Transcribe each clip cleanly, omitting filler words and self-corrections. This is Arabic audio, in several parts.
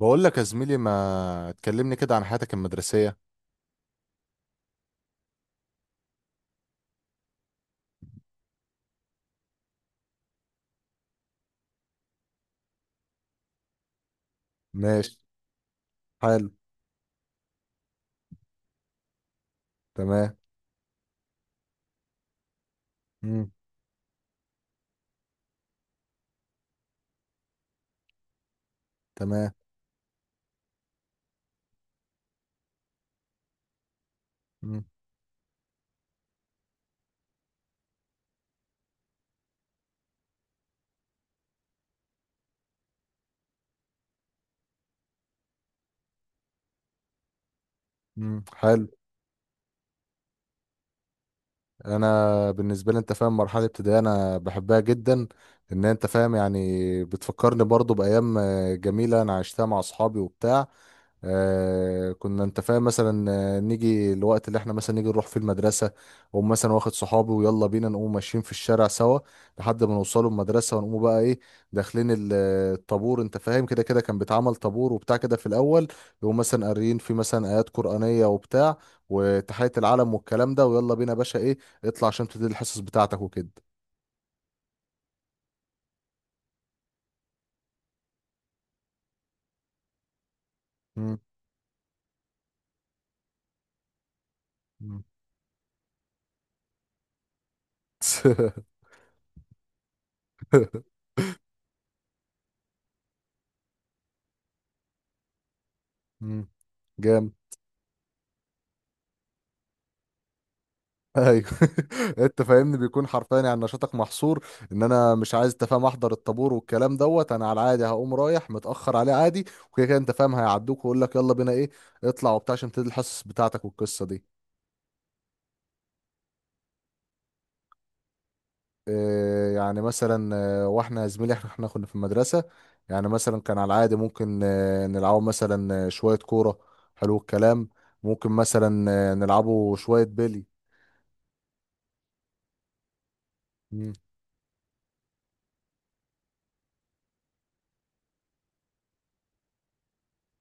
بقول لك يا زميلي ما تكلمني كده عن حياتك المدرسية. ماشي. حلو. تمام. مم. تمام. مم. مم. حلو. انا بالنسبه لي انت فاهم مرحله ابتدائيه انا بحبها جدا. ان انت فاهم يعني بتفكرني برضو بايام جميله انا عشتها مع اصحابي وبتاع. كنا انت فاهم مثلا نيجي الوقت اللي مثلا نيجي نروح فيه المدرسه، واقوم مثلا واخد صحابي ويلا بينا نقوم ماشيين في الشارع سوا لحد ما نوصلوا المدرسه، ونقوم بقى ايه؟ داخلين الطابور. انت فاهم كده كان بيتعمل طابور وبتاع كده في الاول، يقوم مثلا قاريين فيه مثلا ايات قرانيه وبتاع، وتحيه العلم والكلام ده، ويلا بينا يا باشا ايه؟ اطلع عشان تبتدي الحصص بتاعتك وكده. مم. مم. مم. جامد. ايوه. انت فاهمني بيكون حرفيا يعني نشاطك محصور. ان انا مش عايز انت فاهم احضر الطابور والكلام دوت، انا على العادي هقوم رايح متاخر عليه عادي. وكده كده انت فاهم هيعدوك، ويقول لك يلا بينا ايه؟ اطلع وبتاع عشان تبتدي الحصص بتاعتك والقصه دي. إيه يعني مثلا؟ واحنا يا زميلي احنا كنا في المدرسه، يعني مثلا كان على العادي ممكن نلعبوا مثلا شويه كوره، حلو الكلام، ممكن مثلا نلعبوا شويه بيلي.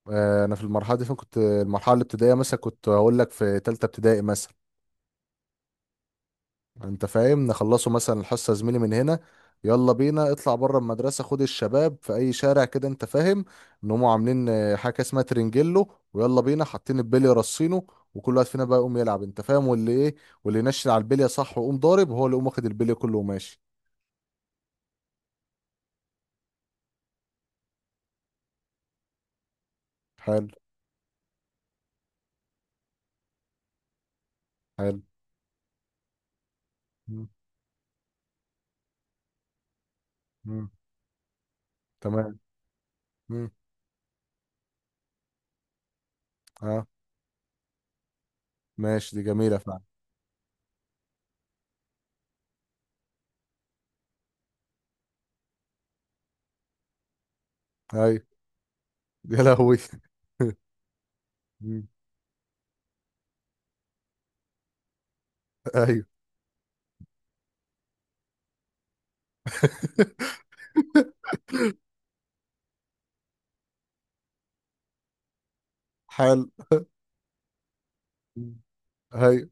انا في المرحله دي فين كنت؟ المرحله الابتدائيه مثلا كنت هقول لك في ثالثه ابتدائي مثلا. انت فاهم نخلصوا مثلا الحصه يا زميلي من هنا، يلا بينا اطلع بره المدرسه، خد الشباب في اي شارع كده انت فاهم، ان هم عاملين حاجه اسمها ترنجيلو، ويلا بينا حاطين البلي رصينه، وكل واحد فينا بقى يقوم يلعب انت فاهم، واللي ايه؟ واللي ينشن على البليه صح ويقوم ضارب، هو اللي يقوم واخد البليه كله وماشي. حلو. حلو. مم، مم، تمام. مم، اه. ماشي، دي جميله فعلا. ايوه. يا لهوي. مم. ايوه. حال. هاي.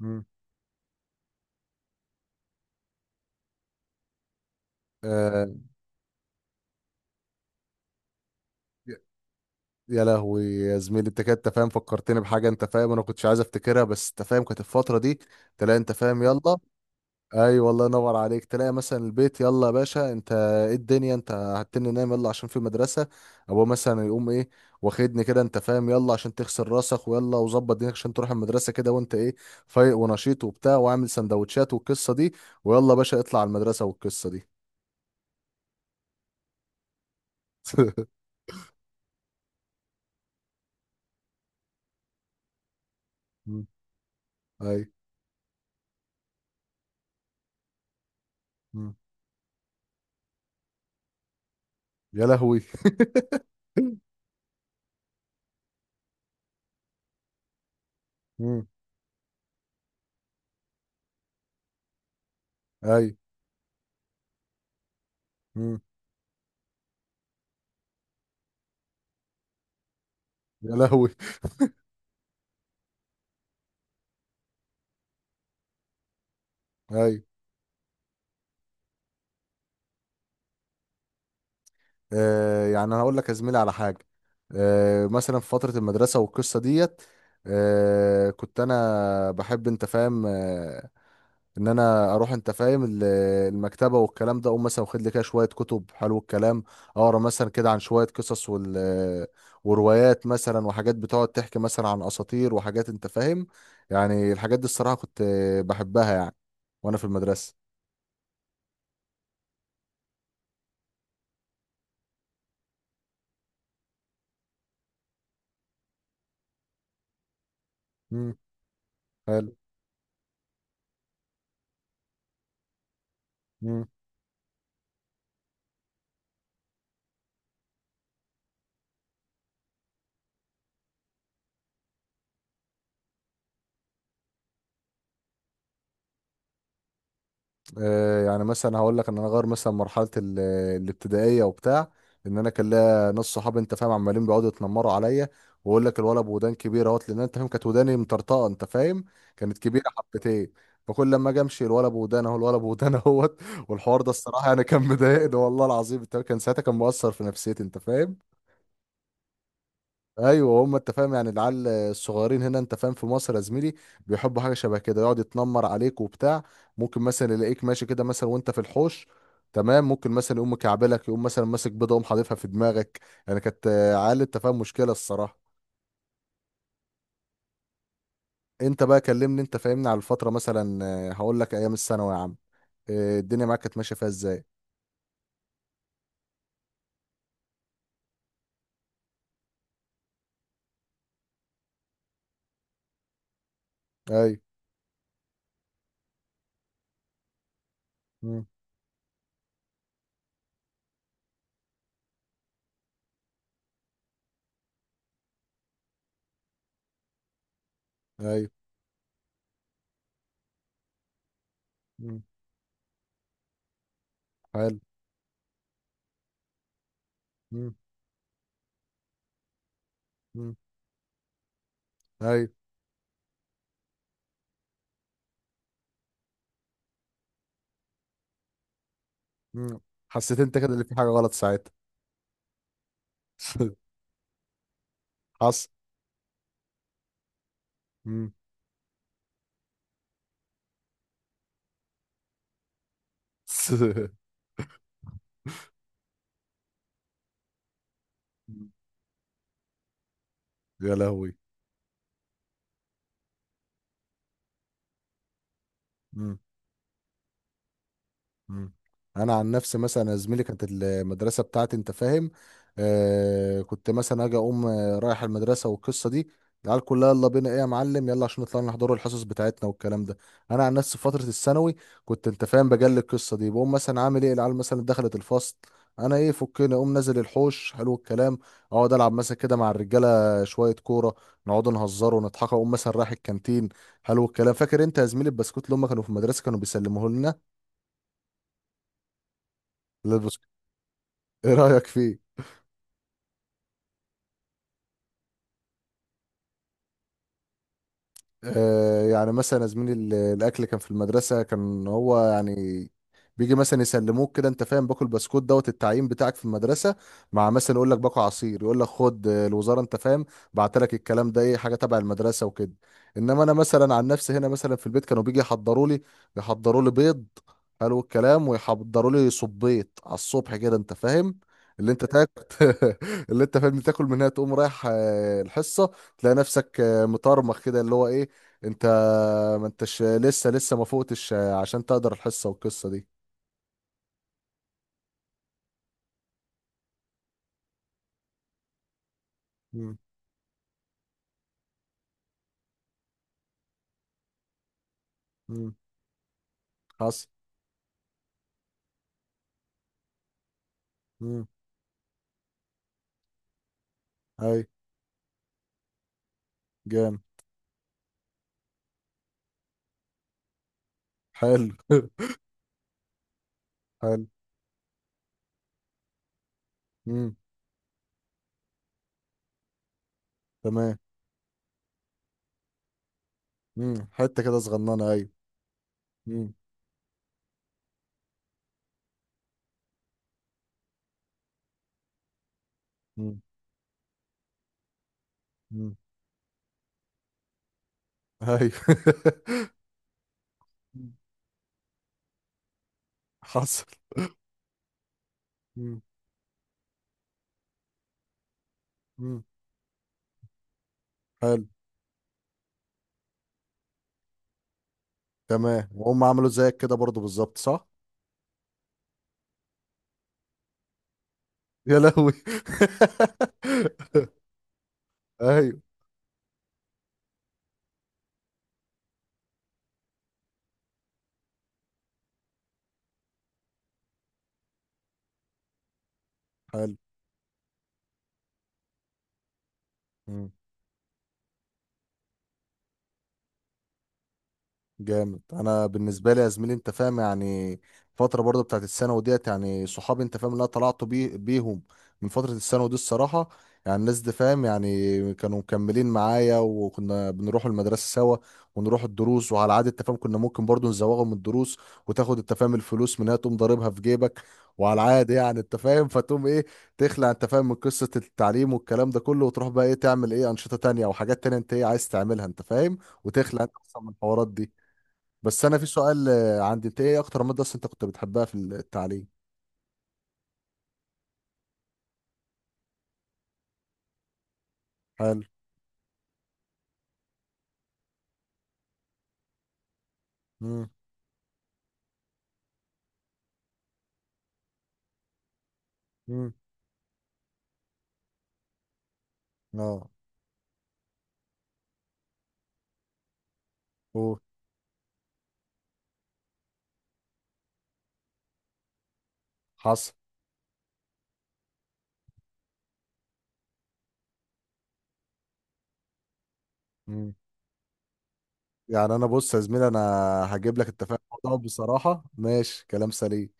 مم. آه. يا، يا لهوي يا زميلي انت كده انت فاهم فكرتني بحاجه انت فاهم انا كنتش عايز افتكرها، بس انت فاهم كانت الفتره دي تلاقي انت فاهم يلا. اي والله ينور عليك. تلاقي مثلا البيت يلا يا باشا انت، ايه الدنيا؟ انت هتني نايم، يلا عشان في مدرسه. ابوه مثلا يقوم ايه؟ واخدني كده انت فاهم، يلا عشان تغسل راسك ويلا وظبط دينك عشان تروح المدرسه كده، وانت ايه؟ فايق ونشيط وبتاع، واعمل سندوتشات والقصه دي، ويلا يا باشا اطلع على المدرسه والقصه دي. مم. اي. يا لهوي. مم. اي. مم. يا لهوي. اي. آه يعني انا هقول لك يا زميلي على حاجه. مثلا في فتره المدرسه والقصه ديت، كنت انا بحب انت فاهم ان انا اروح انت فاهم المكتبه والكلام ده، اقوم مثلا واخد لي كده شويه كتب، حلو الكلام، اقرا مثلا كده عن شويه قصص وال، وروايات مثلا وحاجات بتقعد تحكي مثلا عن اساطير وحاجات انت فاهم. يعني الحاجات دي الصراحه كنت بحبها يعني وانا في المدرسه. حلو. مم. يعني مثلا هقول لك ان انا غير مثلا مرحله الابتدائيه وبتاع، ان انا كان ليا ناس صحابي انت فاهم عمالين بيقعدوا يتنمروا عليا، ويقول لك الولد بودان كبيره اهوت، لان انت فاهم كانت وداني مطرطقه انت فاهم، كانت كبيره حبتين. فكل لما اجي امشي، الولد بودان اهو، الولد بودان اهوت. والحوار ده الصراحه يعني كان مضايقني والله العظيم انت فاهم؟ كان ساعتها كان مؤثر في نفسيتي انت فاهم. ايوه هم انت فاهم يعني العيال الصغيرين هنا انت فاهم في مصر يا زميلي بيحبوا حاجه شبه كده، يقعد يتنمر عليك وبتاع، ممكن مثلا يلاقيك ماشي كده مثلا وانت في الحوش تمام، ممكن مثلا يقوم مكعبلك، يقوم مثلا ماسك بيضه يقوم حاططها في دماغك. يعني كانت عيال انت فاهم مشكله الصراحه. انت بقى كلمني انت فاهمني على الفتره مثلا، هقول لك ايام الثانوي يا عم، الدنيا معاك كانت ماشيه فيها ازاي؟ ايوه. مم. ايوه. مم. حلو. مم. مم. ايوه. مم. حسيت انت كده اللي في حاجه غلط ساعتها. حصل. يا لهوي. مم. مم. انا عن نفسي مثلا يا زميلي كانت المدرسه بتاعتي انت فاهم، كنت مثلا اجي اقوم رايح المدرسه والقصه دي، العيال كلها يلا بينا ايه يا معلم، يلا عشان نطلع نحضروا الحصص بتاعتنا والكلام ده. انا عن نفسي في فتره الثانوي كنت انت فاهم بجلي القصه دي، بقوم مثلا عامل ايه، العيال مثلا دخلت الفصل، انا ايه؟ فكني اقوم نازل الحوش، حلو الكلام، اقعد العب مثلا كده مع الرجاله شويه كوره، نقعد نهزر ونضحك، اقوم مثلا رايح الكانتين، حلو الكلام. فاكر انت يا زميلي البسكوت اللي هم كانوا في المدرسه كانوا بيسلموه لنا؟ ايه رايك فيه؟ يعني مثلا يا زميلي الاكل كان في المدرسه كان هو يعني بيجي مثلا يسلموك كده انت فاهم، باكل بسكوت دوت التعيين بتاعك في المدرسه، مع مثلا يقول لك باكل عصير، يقول لك خد الوزاره انت فاهم بعت لك الكلام ده، ايه حاجه تبع المدرسه وكده. انما انا مثلا عن نفسي هنا مثلا في البيت كانوا بيجي يحضروا لي، يحضروا لي بيض، حلو الكلام، ويحضروا لي صبيط على الصبح كده انت فاهم، اللي انت تاكل. اللي انت فاهم تاكل منها، تقوم رايح الحصه، تلاقي نفسك مطرمخ كده، اللي هو ايه؟ انت ما انتش لسه ما فوقتش عشان تقدر الحصة والقصة دي. مم. مم. حصل. مم. اي. جامد. حلو. حلو. مم. تمام. مم. حتة كده صغننة. ايوه. مم. مم. مم. ايوه. مم. حصل. مم. مم. حلو. تمام، وهم عملوا زيك كده برضو بالظبط صح؟ يا لهوي. ايوه. حلو. جامد. انا بالنسبه لي يا زميلي انت فاهم يعني فتره برضه بتاعت الثانوي ديت، يعني صحابي انت فاهم اللي انا طلعت بيه بيهم من فتره الثانوي دي الصراحه، يعني الناس دي فاهم يعني كانوا مكملين معايا، وكنا بنروح المدرسه سوا، ونروح الدروس، وعلى عاده التفاهم كنا ممكن برضه نزوغهم من الدروس، وتاخد التفاهم الفلوس منها تقوم ضاربها في جيبك، وعلى العاده يعني انت فاهم، فتقوم ايه؟ تخلع انت فاهم من قصه التعليم والكلام ده كله، وتروح بقى ايه، تعمل ايه؟ انشطه تانية او حاجات تانية انت ايه عايز تعملها انت فاهم، وتخلع انت اصلا من الحوارات دي. بس انا في سؤال عندي، انت ايه اكتر ماده اصلا انت كنت بتحبها في التعليم؟ حلو. امم. امم. اه. أوه. حصل. مم. يعني انا بص يا زميلي، انا هجيب لك اتفاق بصراحه، ماشي كلام سليم.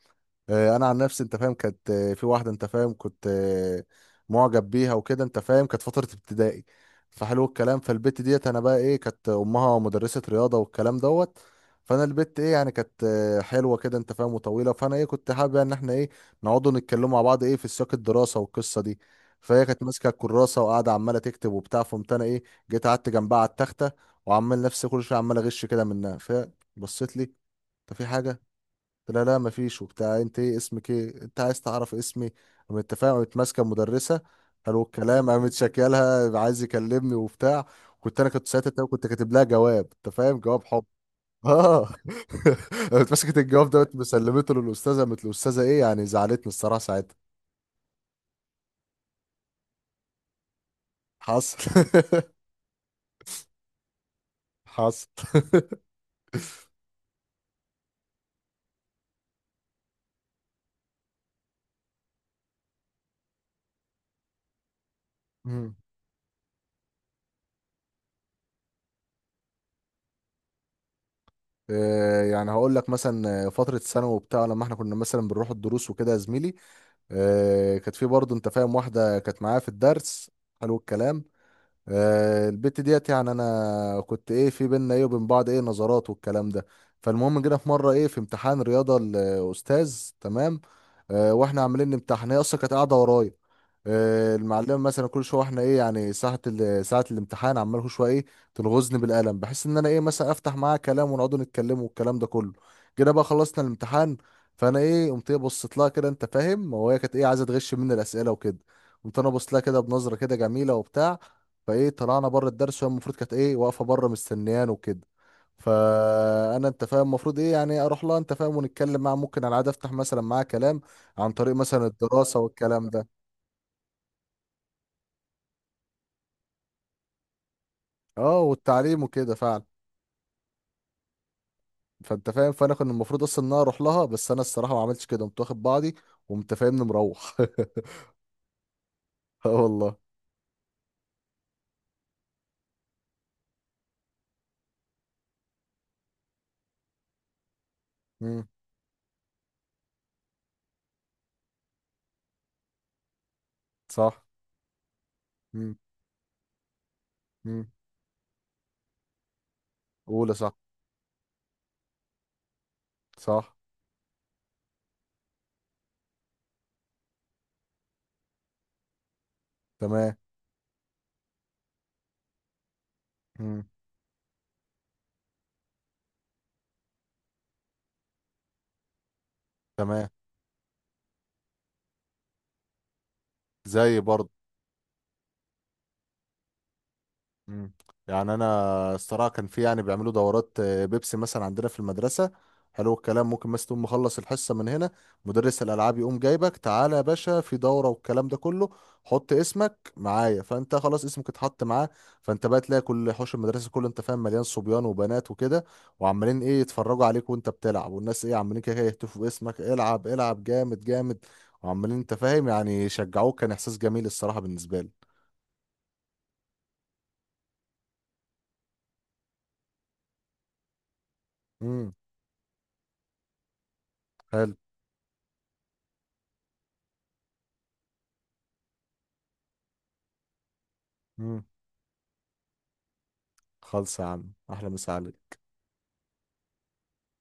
انا عن نفسي انت فاهم كانت في واحده انت فاهم كنت معجب بيها وكده انت فاهم، كانت فتره ابتدائي، فحلو الكلام. فالبت ديت انا بقى ايه، كانت امها مدرسه رياضه والكلام دوت، فانا البت ايه يعني كانت حلوه كده انت فاهم وطويله، فانا ايه كنت حابب يعني ان احنا ايه، نقعدوا نتكلموا مع بعض ايه في سياق الدراسه والقصه دي. فهي كانت ماسكه الكراسه وقاعده عماله تكتب وبتاع، فقمت انا ايه، جيت قعدت جنبها على التخته، وعمال نفسي كل شويه عمال اغش كده منها. فهي بصيت لي، انت في حاجه؟ قلت لها لا مفيش وبتاع، انت ايه اسمك، ايه انت عايز تعرف اسمي؟ قام التفاهم قامت ماسكه المدرسه، قالوا الكلام، قامت شكلها عايز يكلمني وبتاع. كنت انا ساعتها تقريباً كنت كاتب لها جواب انت فاهم، جواب حب. اه. قامت مسكت الجواب ده، قامت مسلمته للاستاذه، قامت الاستاذه ايه يعني زعلتني الصراحه ساعتها. حصل. حصل. مم. يعني هقول لك مثلا فترة ثانوي وبتاع لما احنا كنا مثلا بنروح الدروس وكده يا زميلي، كانت في برضه انت فاهم واحده كانت معايا في الدرس، حلو الكلام. البت ديت يعني انا كنت ايه، في بينا ايه وبين بعض ايه نظرات والكلام ده. فالمهم جينا في مره ايه في امتحان رياضه الاستاذ تمام، واحنا عاملين امتحان هي اصلا كانت قاعده ورايا، المعلمه مثلا كل شويه واحنا ايه يعني، ساعه الامتحان عمال كل شويه ايه، تلغزني بالقلم بحيث ان انا ايه مثلا افتح معاها كلام ونقعدوا نتكلموا والكلام ده كله. جينا بقى خلصنا الامتحان، فانا ايه قمت ايه بصيت لها كده انت فاهم، وهي كانت ايه عايزه تغش مني الاسئله وكده، قمت انا بصيت لها كده بنظره كده جميله وبتاع. فايه، طلعنا بره الدرس، وهي المفروض كانت ايه واقفه بره مستنيان وكده، فانا انت فاهم المفروض ايه يعني اروح لها انت فاهم ونتكلم معاها، ممكن على العاده افتح مثلا معاها كلام عن طريق مثلا الدراسه والكلام ده. اه والتعليم وكده فعلا. فانت فاهم، فانا كان المفروض اصلا ان انا اروح لها، بس انا الصراحه ما عملتش كده، قمت واخد بعضي وقمت فاهمني مروح. اه والله. امم. صح. امم. امم. اولى صح. صح. تمام. امم. تمام. زي برضه. مم. يعني انا الصراحه كان في يعني بيعملوا دورات بيبسي مثلا عندنا في المدرسه، حلو الكلام، ممكن مثلا تقوم مخلص الحصه من هنا، مدرس الالعاب يقوم جايبك تعالى يا باشا في دوره والكلام ده كله، حط اسمك معايا، فانت خلاص اسمك اتحط معاه. فانت بقى تلاقي كل حوش المدرسه كله انت فاهم مليان صبيان وبنات وكده، وعمالين ايه يتفرجوا عليك وانت بتلعب، والناس ايه عمالين كده إيه، يهتفوا باسمك، العب العب جامد جامد، وعمالين انت فاهم يعني يشجعوك. كان احساس جميل الصراحه بالنسبه لي. امم. حلو. مم. خالص يا عم، احلى مسا عليك.